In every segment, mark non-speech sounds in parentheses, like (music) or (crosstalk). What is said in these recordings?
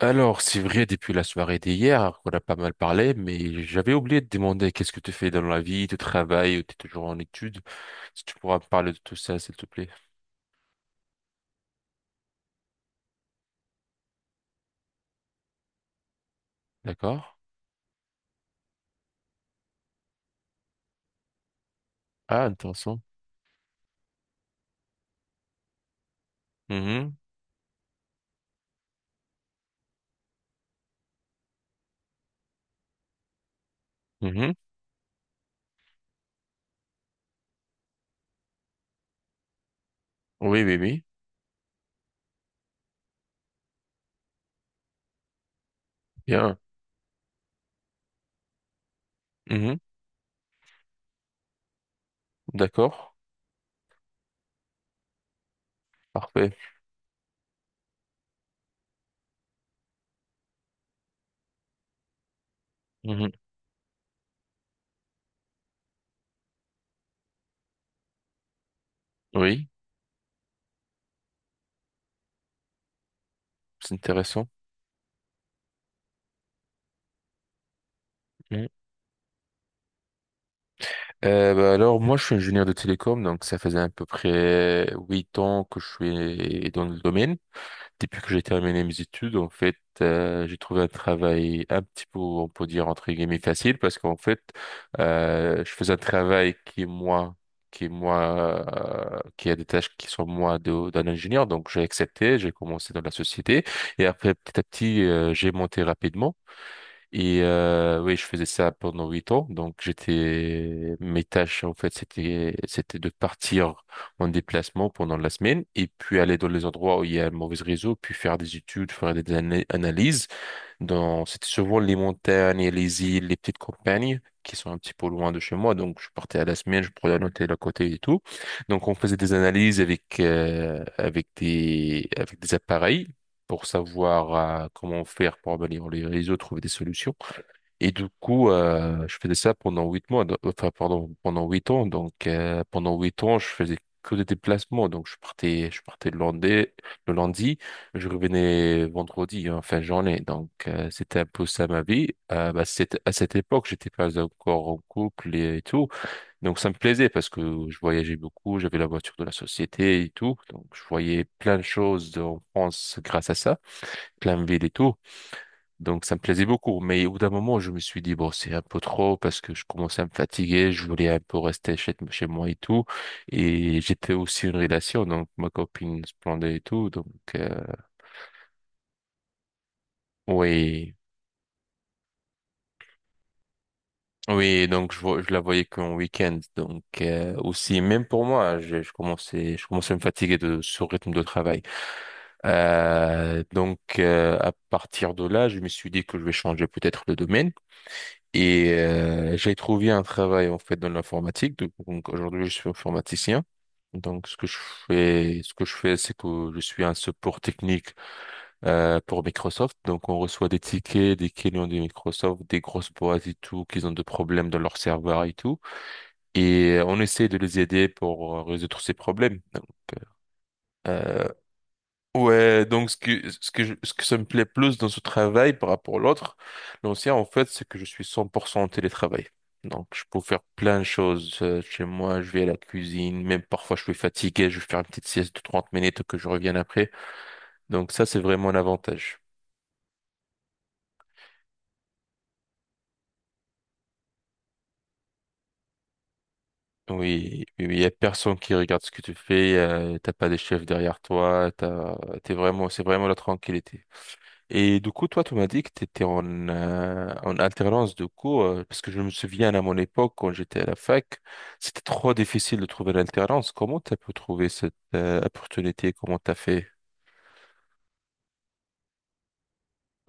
Alors, c'est vrai, depuis la soirée d'hier, on a pas mal parlé, mais j'avais oublié de demander qu'est-ce que tu fais dans la vie, tu travailles ou tu es toujours en études. Si tu pourras me parler de tout ça, s'il te plaît. D'accord? Ah, intéressant. Mhm, mhm. Oui, oui, oui. Bien. Mhm. D'accord. Parfait. Mhm. Oui, c'est intéressant. Mhm. Bah alors, moi, je suis ingénieur de télécom, donc ça faisait à peu près 8 ans que je suis dans le domaine. Depuis que j'ai terminé mes études, en fait, j'ai trouvé un travail un petit peu, on peut dire, entre guillemets, facile parce qu'en fait, je faisais un travail qui est moins, qui a des tâches qui sont moins d'un ingénieur. Donc, j'ai accepté, j'ai commencé dans la société et après, petit à petit, j'ai monté rapidement. Et oui, je faisais ça pendant 8 ans. Donc j'étais mes tâches, en fait, c'était de partir en déplacement pendant la semaine et puis aller dans les endroits où il y a un mauvais réseau, puis faire des études, faire des analyses. Dans c'était souvent les montagnes, et les îles, les petites campagnes qui sont un petit peu loin de chez moi. Donc je partais à la semaine, je prenais un hôtel à côté et tout. Donc on faisait des analyses avec des appareils. Pour savoir, comment faire pour améliorer les réseaux, trouver des solutions. Et du coup, je faisais ça pendant 8 mois, enfin, pardon, pendant 8 ans. Donc, pendant 8 ans, je faisais que des déplacements. Donc, je partais le lundi, je revenais vendredi, en fin de journée. Donc, c'était un peu ça ma vie. Bah, c'était, à cette époque, j'étais pas encore en couple et, tout. Donc, ça me plaisait parce que je voyageais beaucoup, j'avais la voiture de la société et tout. Donc, je voyais plein de choses en France grâce à ça, plein de villes et tout. Donc ça me plaisait beaucoup. Mais au bout d'un moment, je me suis dit, bon, c'est un peu trop parce que je commençais à me fatiguer, je voulais un peu rester chez moi et tout. Et j'étais aussi une relation, donc ma copine se plaignait et tout. Donc, euh, oui. Oui, donc je la voyais qu'en week-end. Donc, aussi, même pour moi, je commençais à me fatiguer de ce rythme de travail. Donc, à partir de là, je me suis dit que je vais changer peut-être le domaine. Et j'ai trouvé un travail, en fait, dans l'informatique. Donc, aujourd'hui, je suis informaticien. Donc ce que je fais, c'est que je suis un support technique, pour Microsoft. Donc on reçoit des tickets des clients de Microsoft, des grosses boîtes et tout, qui ont des problèmes dans leur serveur et tout. Et on essaie de les aider pour, résoudre ces problèmes. Euh, Ouais, donc ce que ça me plaît plus dans ce travail par rapport à l'autre, l'ancien, en fait, c'est que je suis 100% en télétravail. Donc je peux faire plein de choses, chez moi, je vais à la cuisine, même parfois je suis fatigué, je vais faire une petite sieste de 30 minutes que je revienne après. Donc ça, c'est vraiment un avantage. Oui, oui, oui, il y a personne qui regarde ce que tu fais, t'as pas des chefs derrière toi, t'es vraiment, c'est vraiment la tranquillité. Et du coup, toi, tu m'as dit que tu étais en alternance de cours, parce que je me souviens à mon époque, quand j'étais à la fac, c'était trop difficile de trouver l'alternance. Comment tu as pu trouver cette, opportunité? Comment tu as fait?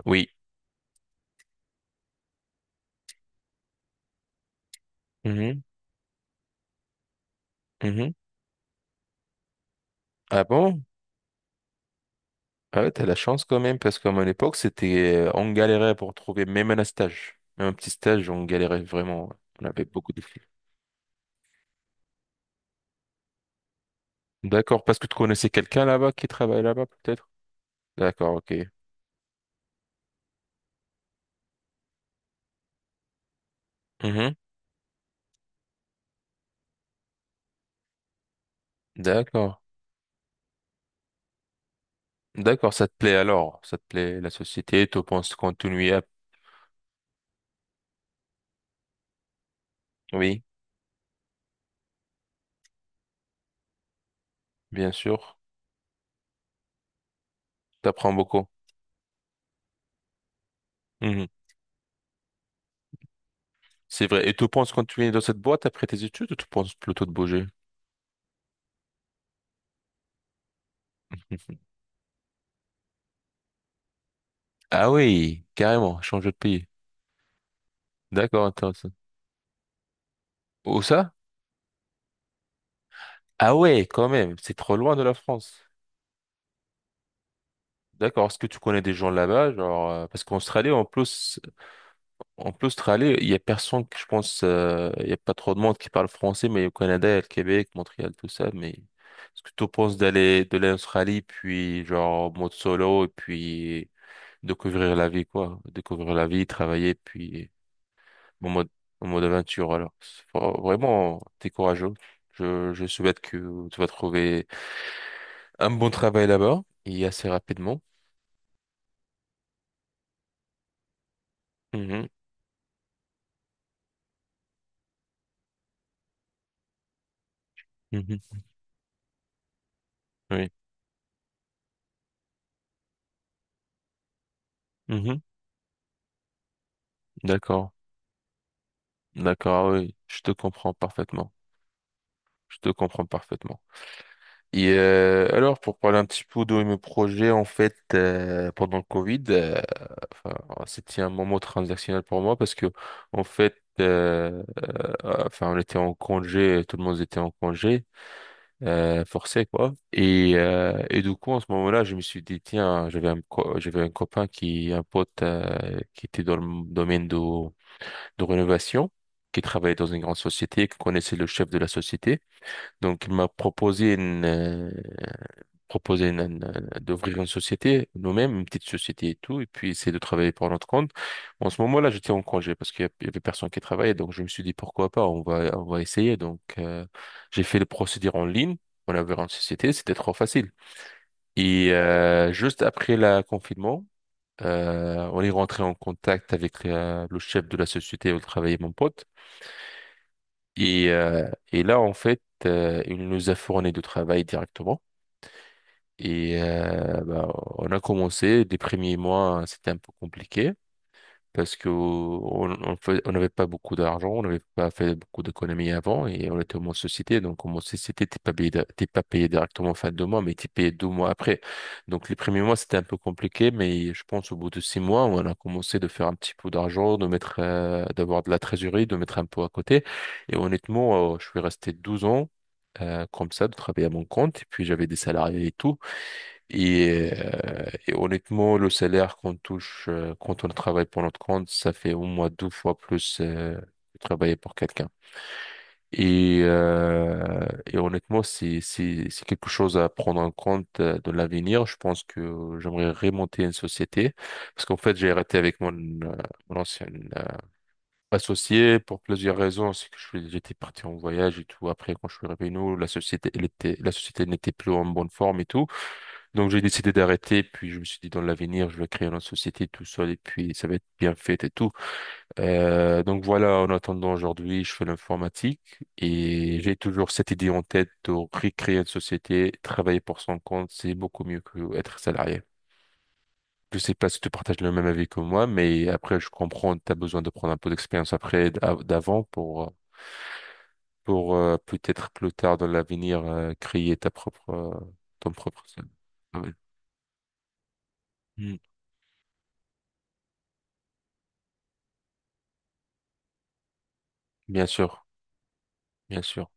Oui. Mhm, mhm. Ah bon? Ah ouais, t'as la chance quand même, parce qu'à mon époque, c'était, on galérait pour trouver même un stage. Même un petit stage, on galérait vraiment. On avait beaucoup de difficultés. D'accord, parce que tu connaissais quelqu'un là-bas qui travaille là-bas, peut-être? D'accord, ok. Mhm. D'accord. D'accord, ça te plaît alors, ça te plaît la société, tu penses continuer à... Oui, bien sûr, t'apprends beaucoup. Mhm. C'est vrai. Et tu penses continuer dans cette boîte après tes études ou tu penses plutôt de bouger? (laughs) Ah oui, carrément, changer de pays. D'accord, intéressant. Où ça? Ah ouais, quand même, c'est trop loin de la France. D'accord, est-ce que tu connais des gens là-bas, genre, parce qu'en Australie, en plus, en plus, Australie, il y a personne que je pense, il y a pas trop de monde qui parle français, mais au Canada, il y a le Québec, Montréal, tout ça. Mais est-ce que tu penses d'aller de l'Australie, puis genre en mode solo, et puis découvrir la vie, quoi, découvrir la vie, travailler, puis en mode en mode aventure. Alors, vraiment, t'es courageux. Je souhaite que tu vas trouver un bon travail là-bas et assez rapidement. Mhm, mhm, oui, mhm, d'accord, d'accord, oui, je te comprends parfaitement. Je te comprends parfaitement. Et alors, pour parler un petit peu de mes projets, en fait, pendant le Covid, enfin, c'était un moment transactionnel pour moi parce que, en fait, enfin, on était en congé, tout le monde était en congé, forcé, quoi. Et du coup, en ce moment-là, je me suis dit, tiens, j'avais un copain qui, un pote, qui était dans le domaine de rénovation, qui travaillait dans une grande société, qui connaissait le chef de la société. Donc, il m'a proposé une- d'ouvrir une société, nous-mêmes, une petite société et tout, et puis essayer de travailler pour notre compte. Bon, en ce moment-là, j'étais en congé parce qu'il y avait personne qui travaillait, donc je me suis dit pourquoi pas, on va essayer. Donc, j'ai fait le procédure en ligne, on avait une société, c'était trop facile. Et juste après le confinement, on est rentré en contact avec, le chef de la société où travaillait mon pote. Et là, en fait, il nous a fourni du travail directement. Et bah, on a commencé, les premiers mois, c'était un peu compliqué parce que on n'avait pas beaucoup d'argent, on n'avait pas fait beaucoup d'économies avant et on était en société. Donc, en société, t'es pas payé, t'es pas payé directement fin de mois, mais t'es payé 2 mois après. Donc, les premiers mois, c'était un peu compliqué, mais je pense au bout de 6 mois, on a commencé de faire un petit peu d'argent, de mettre, d'avoir de la trésorerie, de mettre un peu à côté. Et honnêtement, je suis resté 12 ans, comme ça, de travailler à mon compte, et puis j'avais des salariés et tout. Et honnêtement, le salaire qu'on touche, quand on travaille pour notre compte, ça fait au moins deux fois plus, que travailler pour quelqu'un. Et honnêtement, c'est quelque chose à prendre en compte, dans l'avenir. Je pense que j'aimerais remonter une société parce qu'en fait, j'ai arrêté avec mon ancien, euh, associé pour plusieurs raisons. C'est que j'étais parti en voyage et tout. Après, quand je suis revenu, la société, n'était plus en bonne forme et tout. Donc j'ai décidé d'arrêter, puis je me suis dit dans l'avenir, je vais créer une société tout seul et puis ça va être bien fait et tout. Donc voilà, en attendant aujourd'hui, je fais l'informatique et j'ai toujours cette idée en tête de recréer une société, travailler pour son compte, c'est beaucoup mieux que être salarié. Je sais pas si tu partages le même avis que moi, mais après je comprends, tu as besoin de prendre un peu d'expérience après d'avant pour peut-être plus tard dans l'avenir, créer ta propre ton propre. Ah ouais. Mm. Bien sûr, bien sûr.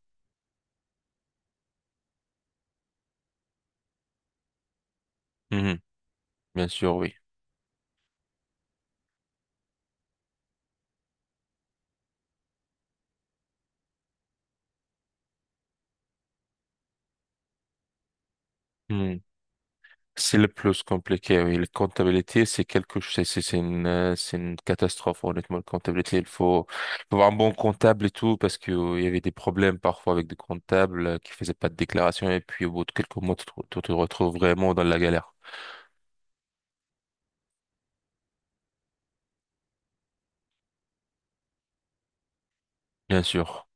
Mhm. Bien sûr, oui. Mhm. C'est le plus compliqué, oui. La comptabilité, c'est quelque chose, c'est une catastrophe, honnêtement. La comptabilité, il faut avoir un bon comptable et tout, parce que, il y avait des problèmes parfois avec des comptables, qui faisaient pas de déclaration, et puis au bout de quelques mois, tu te retrouves vraiment dans la galère. Bien sûr,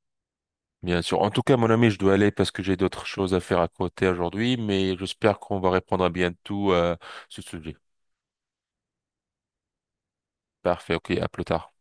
bien sûr. En tout cas, mon ami, je dois aller parce que j'ai d'autres choses à faire à côté aujourd'hui, mais j'espère qu'on va répondre à bientôt, ce sujet. Parfait, ok, à plus tard.